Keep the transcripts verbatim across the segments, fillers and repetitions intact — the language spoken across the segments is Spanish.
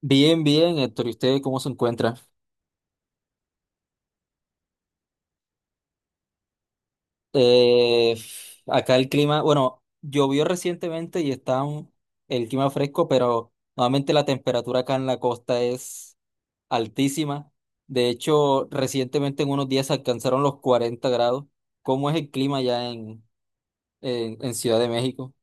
Bien, bien, Héctor. ¿Y usted cómo se encuentra? Eh, acá el clima, bueno, llovió recientemente y está un- el clima fresco, pero nuevamente la temperatura acá en la costa es altísima. De hecho, recientemente en unos días alcanzaron los cuarenta grados. ¿Cómo es el clima ya en, en, en Ciudad de México,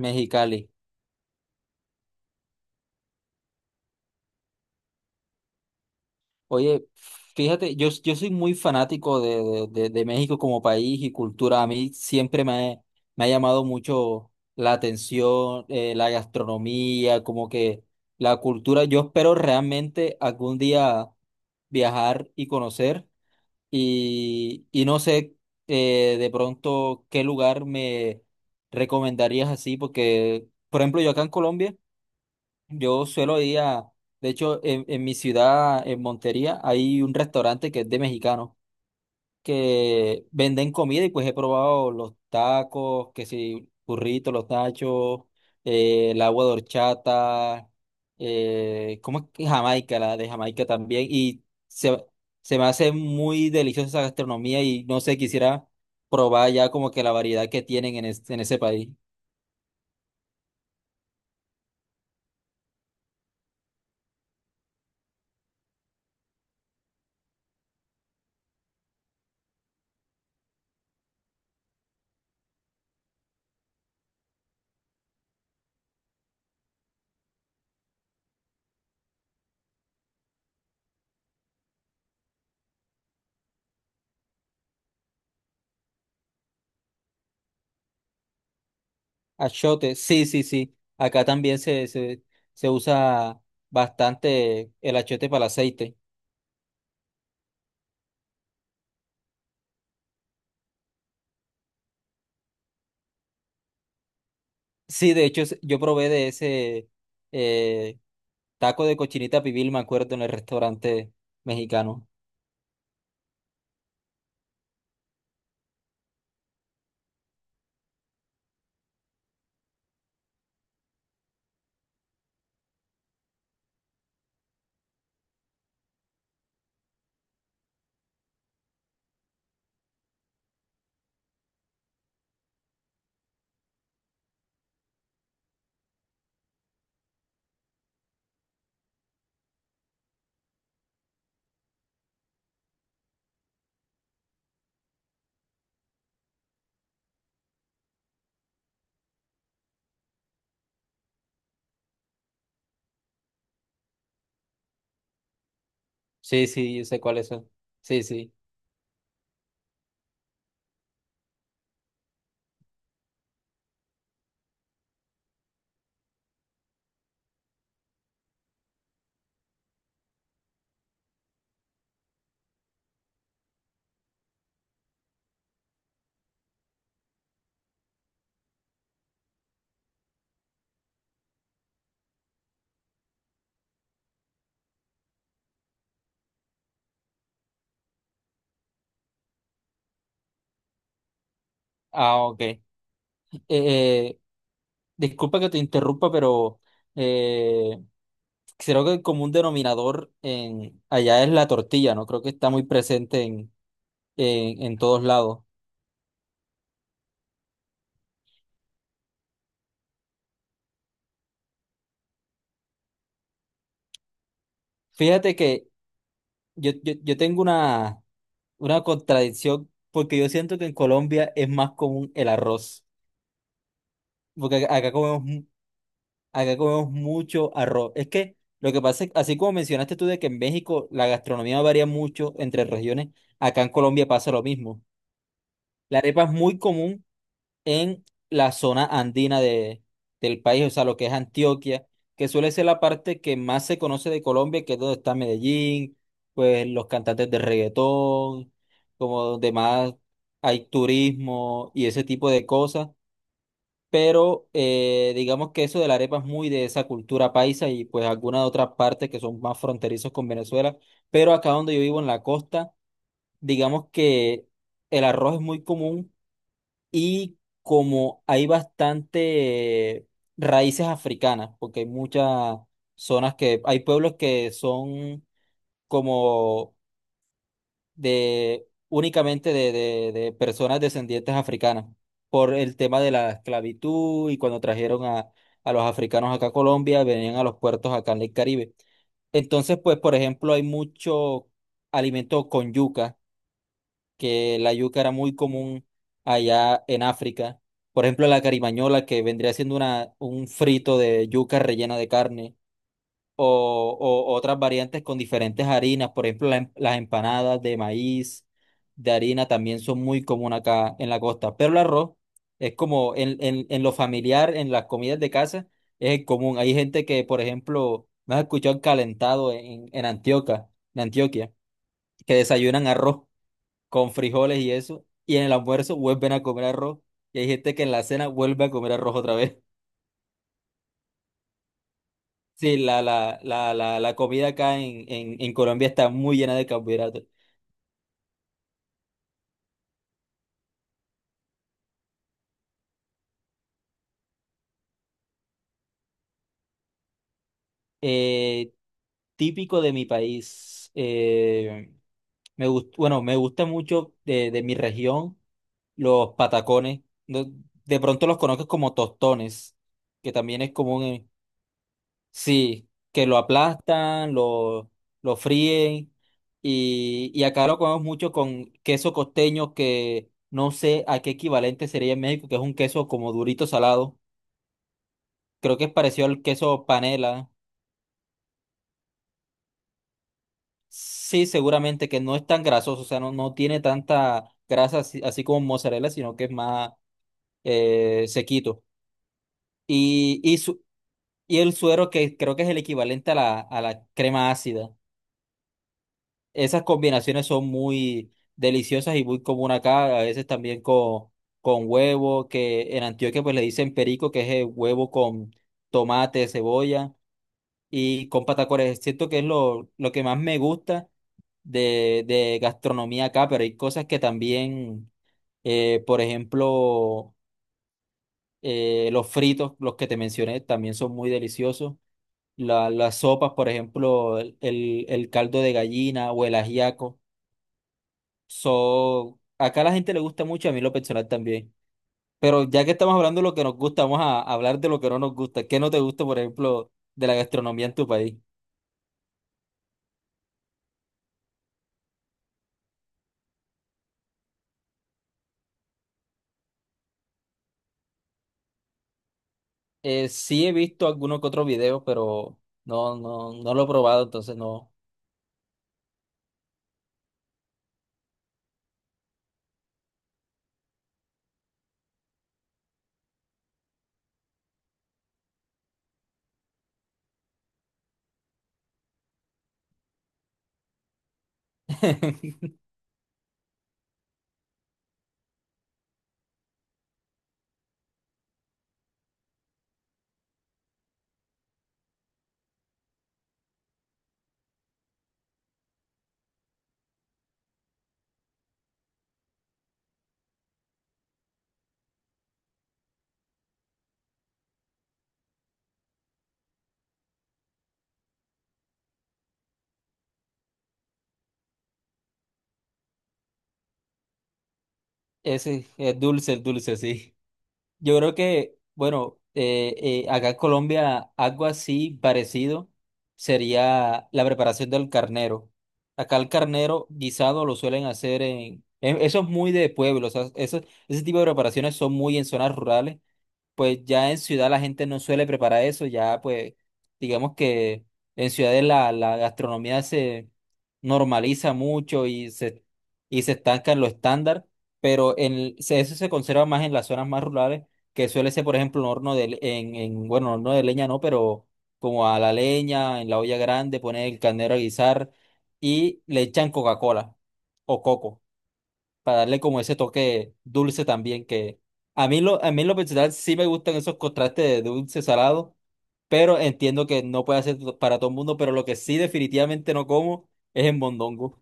Mexicali? Oye, fíjate, yo, yo soy muy fanático de, de, de- de México como país y cultura. A mí siempre me, ha- me ha llamado mucho la atención, eh, la gastronomía, como que la cultura. Yo espero realmente algún día viajar y conocer y, y no sé, eh, de pronto qué lugar me recomendarías, así, porque, por ejemplo, yo acá en Colombia. Yo suelo ir a, de hecho, en, en mi ciudad, en Montería, hay un restaurante que es de mexicanos que venden comida y pues he probado los tacos, que si burritos, los nachos, eh, el agua de horchata, eh, ¿cómo es que Jamaica, la de Jamaica también? Y se, se me hace muy deliciosa esa gastronomía y no sé, quisiera probar ya como que la variedad que tienen en, es- en ese país. Achote, sí, sí, sí. Acá también se, se, se usa bastante el achote para el aceite. Sí, de hecho, es- yo probé de ese, eh, taco de cochinita pibil, me acuerdo, en el restaurante mexicano. Sí, sí, yo sé cuál es. Sí, sí. Ah, ok. Eh, eh, disculpa que te interrumpa, pero eh, creo que el común denominador, en, allá, es la tortilla, ¿no? Creo que está muy presente en, en, en todos lados. Fíjate que Yo, yo, yo tengo una, una contradicción porque yo siento que en Colombia es más común el arroz, porque acá acá comemos, mu- acá comemos mucho arroz. Es que lo que pasa es, así como mencionaste tú, de que en México la gastronomía varía mucho entre regiones, acá en Colombia pasa lo mismo. La arepa es muy común en la zona andina de, del país, o sea, lo que es Antioquia, que suele ser la parte que más se conoce de Colombia, que es donde está Medellín, pues los cantantes de reggaetón, como donde más hay turismo y ese tipo de cosas. Pero eh, digamos que eso de la arepa es muy de esa cultura paisa y pues algunas otras partes que son más fronterizos con Venezuela. Pero acá, donde yo vivo, en la costa, digamos que el arroz es muy común, y como hay bastante raíces africanas, porque hay muchas zonas que, hay pueblos que son como de únicamente, de, de- de personas descendientes africanas, por el tema de la esclavitud, y cuando trajeron a, a los africanos acá a Colombia, venían a los puertos acá en el Caribe. Entonces, pues, por ejemplo, hay mucho alimento con yuca, que la yuca era muy común allá en África. Por ejemplo, la carimañola, que vendría siendo una, un frito de yuca rellena de carne, o, o otras variantes con diferentes harinas. Por ejemplo, la em- las empanadas de maíz, de harina, también son muy comunes acá en la costa. Pero el arroz es como en, en, en lo familiar, en las comidas de casa, es el común. Hay gente que, por ejemplo, me has escuchado, el calentado en, en Antioquia, en Antioquia, que desayunan arroz con frijoles y eso, y en el almuerzo vuelven a comer arroz, y hay gente que en la cena vuelve a comer arroz otra vez. Sí, la, la, la, la, la comida acá en, en, en Colombia está muy llena de carbohidratos. Eh, típico de mi país, eh, me gust- bueno, me gusta mucho de, de mi región los patacones. No- de pronto los conozco como tostones, que también es común. Sí, que lo aplastan, lo, lo fríen, y, y acá lo comemos mucho con queso costeño, que no sé a qué equivalente sería en México, que es un queso como durito, salado. Creo que es parecido al queso panela. Sí, seguramente, que no es tan grasoso, o sea, no, no tiene tanta grasa así, así como mozzarella, sino que es más, eh, sequito. Y, y, su- y el suero, que creo que es el equivalente a la, a la crema ácida. Esas combinaciones son muy deliciosas y muy común acá, a veces también con, con huevo, que en Antioquia pues le dicen perico, que es el huevo con tomate, cebolla y con patacones. Siento que es lo, lo que más me gusta de, de gastronomía acá, pero hay cosas que también, eh, por ejemplo, eh, los fritos, los que te mencioné, también son muy deliciosos. La- las sopas, por ejemplo, el, el el caldo de gallina o el ajiaco. So, acá a la gente le gusta mucho, a mí en lo personal también. Pero ya que estamos hablando de lo que nos gusta, vamos a hablar de lo que no nos gusta. ¿Qué no te gusta, por ejemplo, de la gastronomía en tu país? Eh, sí he visto algunos que otros videos, pero no, no, no lo he probado, entonces no. Ese es dulce, el dulce, sí. Yo creo que, bueno, eh, eh, acá en Colombia algo así parecido sería la preparación del carnero. Acá el carnero guisado lo suelen hacer en... en- Eso es muy de pueblo, o sea, eso- ese tipo de preparaciones son muy en zonas rurales, pues ya en ciudad la gente no suele preparar eso, ya pues digamos que en ciudades la, la gastronomía se normaliza mucho, y se, y se estanca en lo estándar, pero en, se- eso se conserva más en las zonas más rurales, que suele ser, por ejemplo, un horno de, le- en, en, bueno, horno de leña, no, pero como a la leña, en la olla grande, poner el carnero a guisar y le echan Coca-Cola o coco para darle como ese toque dulce también, que a mí lo, a mí, en lo personal, sí me gustan esos contrastes de dulce salado, pero entiendo que no puede ser to- para todo el mundo, pero lo que sí definitivamente no como es en mondongo.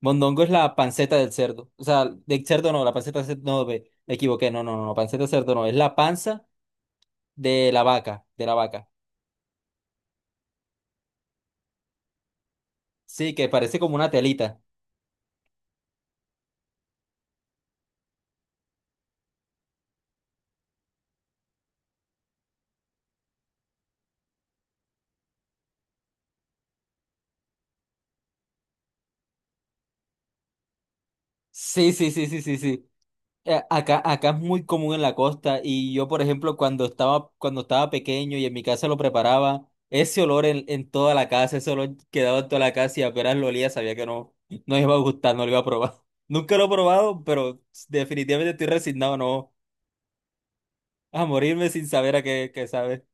Mondongo es la panceta del cerdo, o sea, del cerdo no, la panceta del cerdo no, ve, me equivoqué, no, no, no, no, panceta del cerdo no, es la panza de la vaca, de la vaca. Sí, que parece como una telita. Sí, sí, sí, sí, sí, sí. Eh, Acá, acá es muy común en la costa, y yo, por ejemplo, cuando estaba, cuando estaba pequeño y en mi casa lo preparaba, ese olor en, en toda la casa, ese olor quedaba en toda la casa, y apenas lo olía sabía que no, no iba a gustar, no lo iba a probar. Nunca lo he probado, pero definitivamente estoy resignado, no, a morirme sin saber a qué, qué sabe.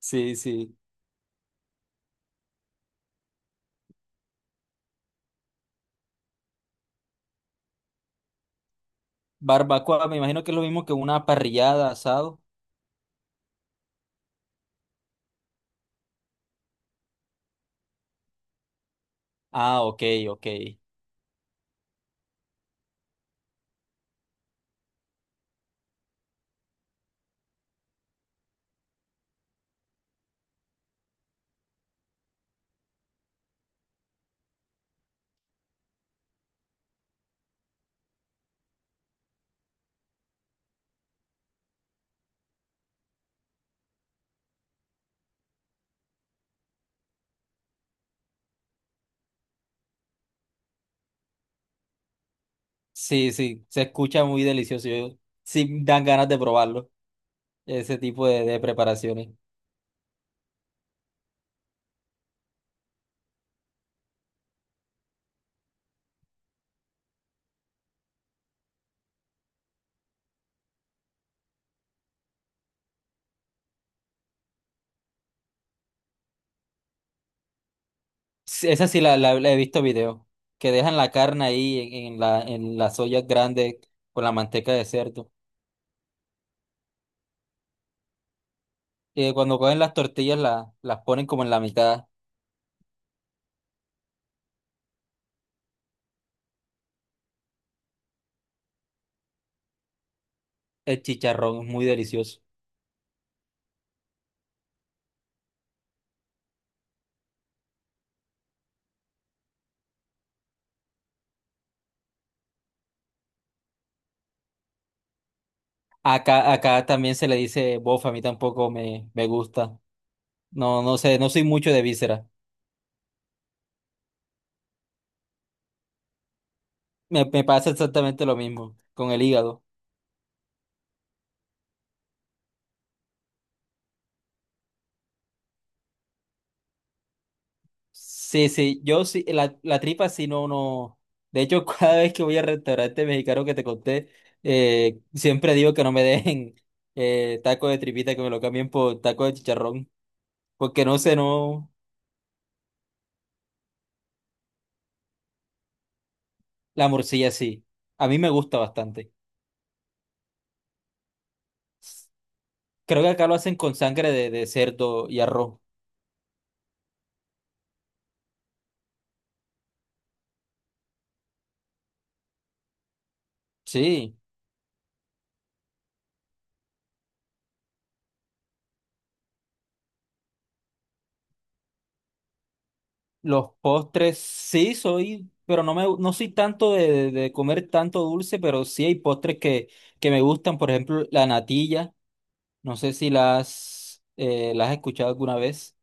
Sí, sí. Barbacoa, me imagino que es lo mismo que una parrillada, asado. Ah, ok, ok. Sí, sí, se escucha muy delicioso. Yo, sí, dan ganas de probarlo, ese tipo de, de preparaciones. Sí. Esa sí la, la- la he visto, video. Que dejan la carne ahí en, en la, en las ollas grandes con la manteca de cerdo. Y que cuando cogen las tortillas la- las ponen como en la mitad. El chicharrón es muy delicioso. Acá, acá también se le dice bofa, a mí tampoco me, me gusta. No, no sé, no soy mucho de víscera. Me, me pasa exactamente lo mismo con el hígado. Sí, sí, yo sí, la, la tripa, sí, no, no. De hecho, cada vez que voy al restaurante mexicano que te conté, eh, siempre digo que no me dejen eh, taco de tripita, que me lo cambien por taco de chicharrón, porque no sé, no, la morcilla sí. A mí me gusta bastante. Creo que acá lo hacen con sangre de, de cerdo y arroz. Sí, los postres sí soy, pero no me, no soy tanto de, de de comer tanto dulce, pero sí hay postres que, que me gustan, por ejemplo, la natilla. No sé si las, eh, las has escuchado alguna vez.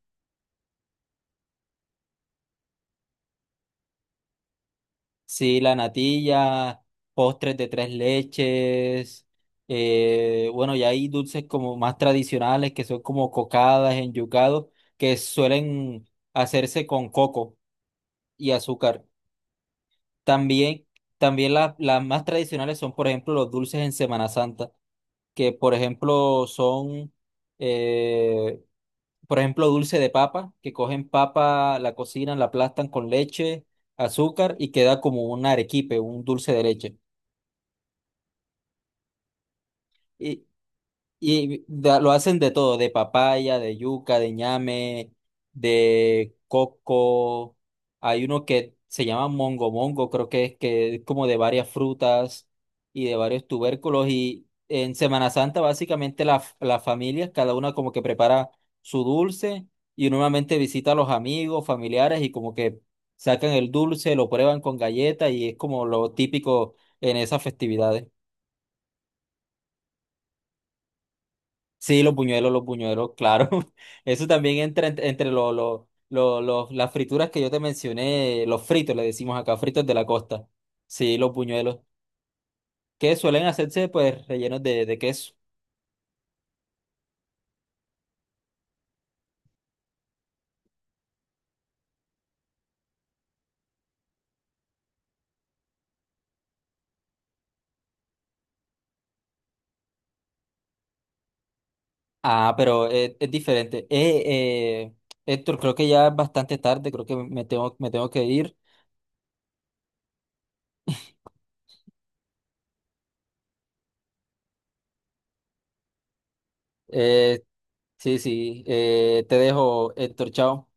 Sí, la natilla, postres de tres leches. eh, bueno, ya hay dulces como más tradicionales, que son como cocadas, enyucados, que suelen hacerse con coco y azúcar. También, también la- las más tradicionales son, por ejemplo, los dulces en Semana Santa, que por ejemplo son, eh, por ejemplo, dulce de papa, que cogen papa, la cocinan, la aplastan con leche, azúcar, y queda como un arequipe, un dulce de leche. Y Y da- lo hacen de todo, de papaya, de yuca, de ñame, de coco. Hay uno que se llama mongo mongo, creo que es que es como de varias frutas y de varios tubérculos. Y en Semana Santa básicamente la- las familias, cada una como que prepara su dulce, y normalmente visita a los amigos, familiares, y como que sacan el dulce, lo prueban con galleta, y es como lo típico en esas festividades. Sí, los buñuelos, los buñuelos, claro. Eso también entra, ent- entre, lo- lo- lo- lo- las frituras que yo te mencioné, los fritos, le decimos acá, fritos de la costa. Sí, los buñuelos, que suelen hacerse pues rellenos de, de queso. Ah, pero es, es, diferente. Eh, eh, Héctor, creo que ya es bastante tarde, creo que me tengo, me tengo que ir. Eh, sí, sí, eh, te dejo, Héctor, chao.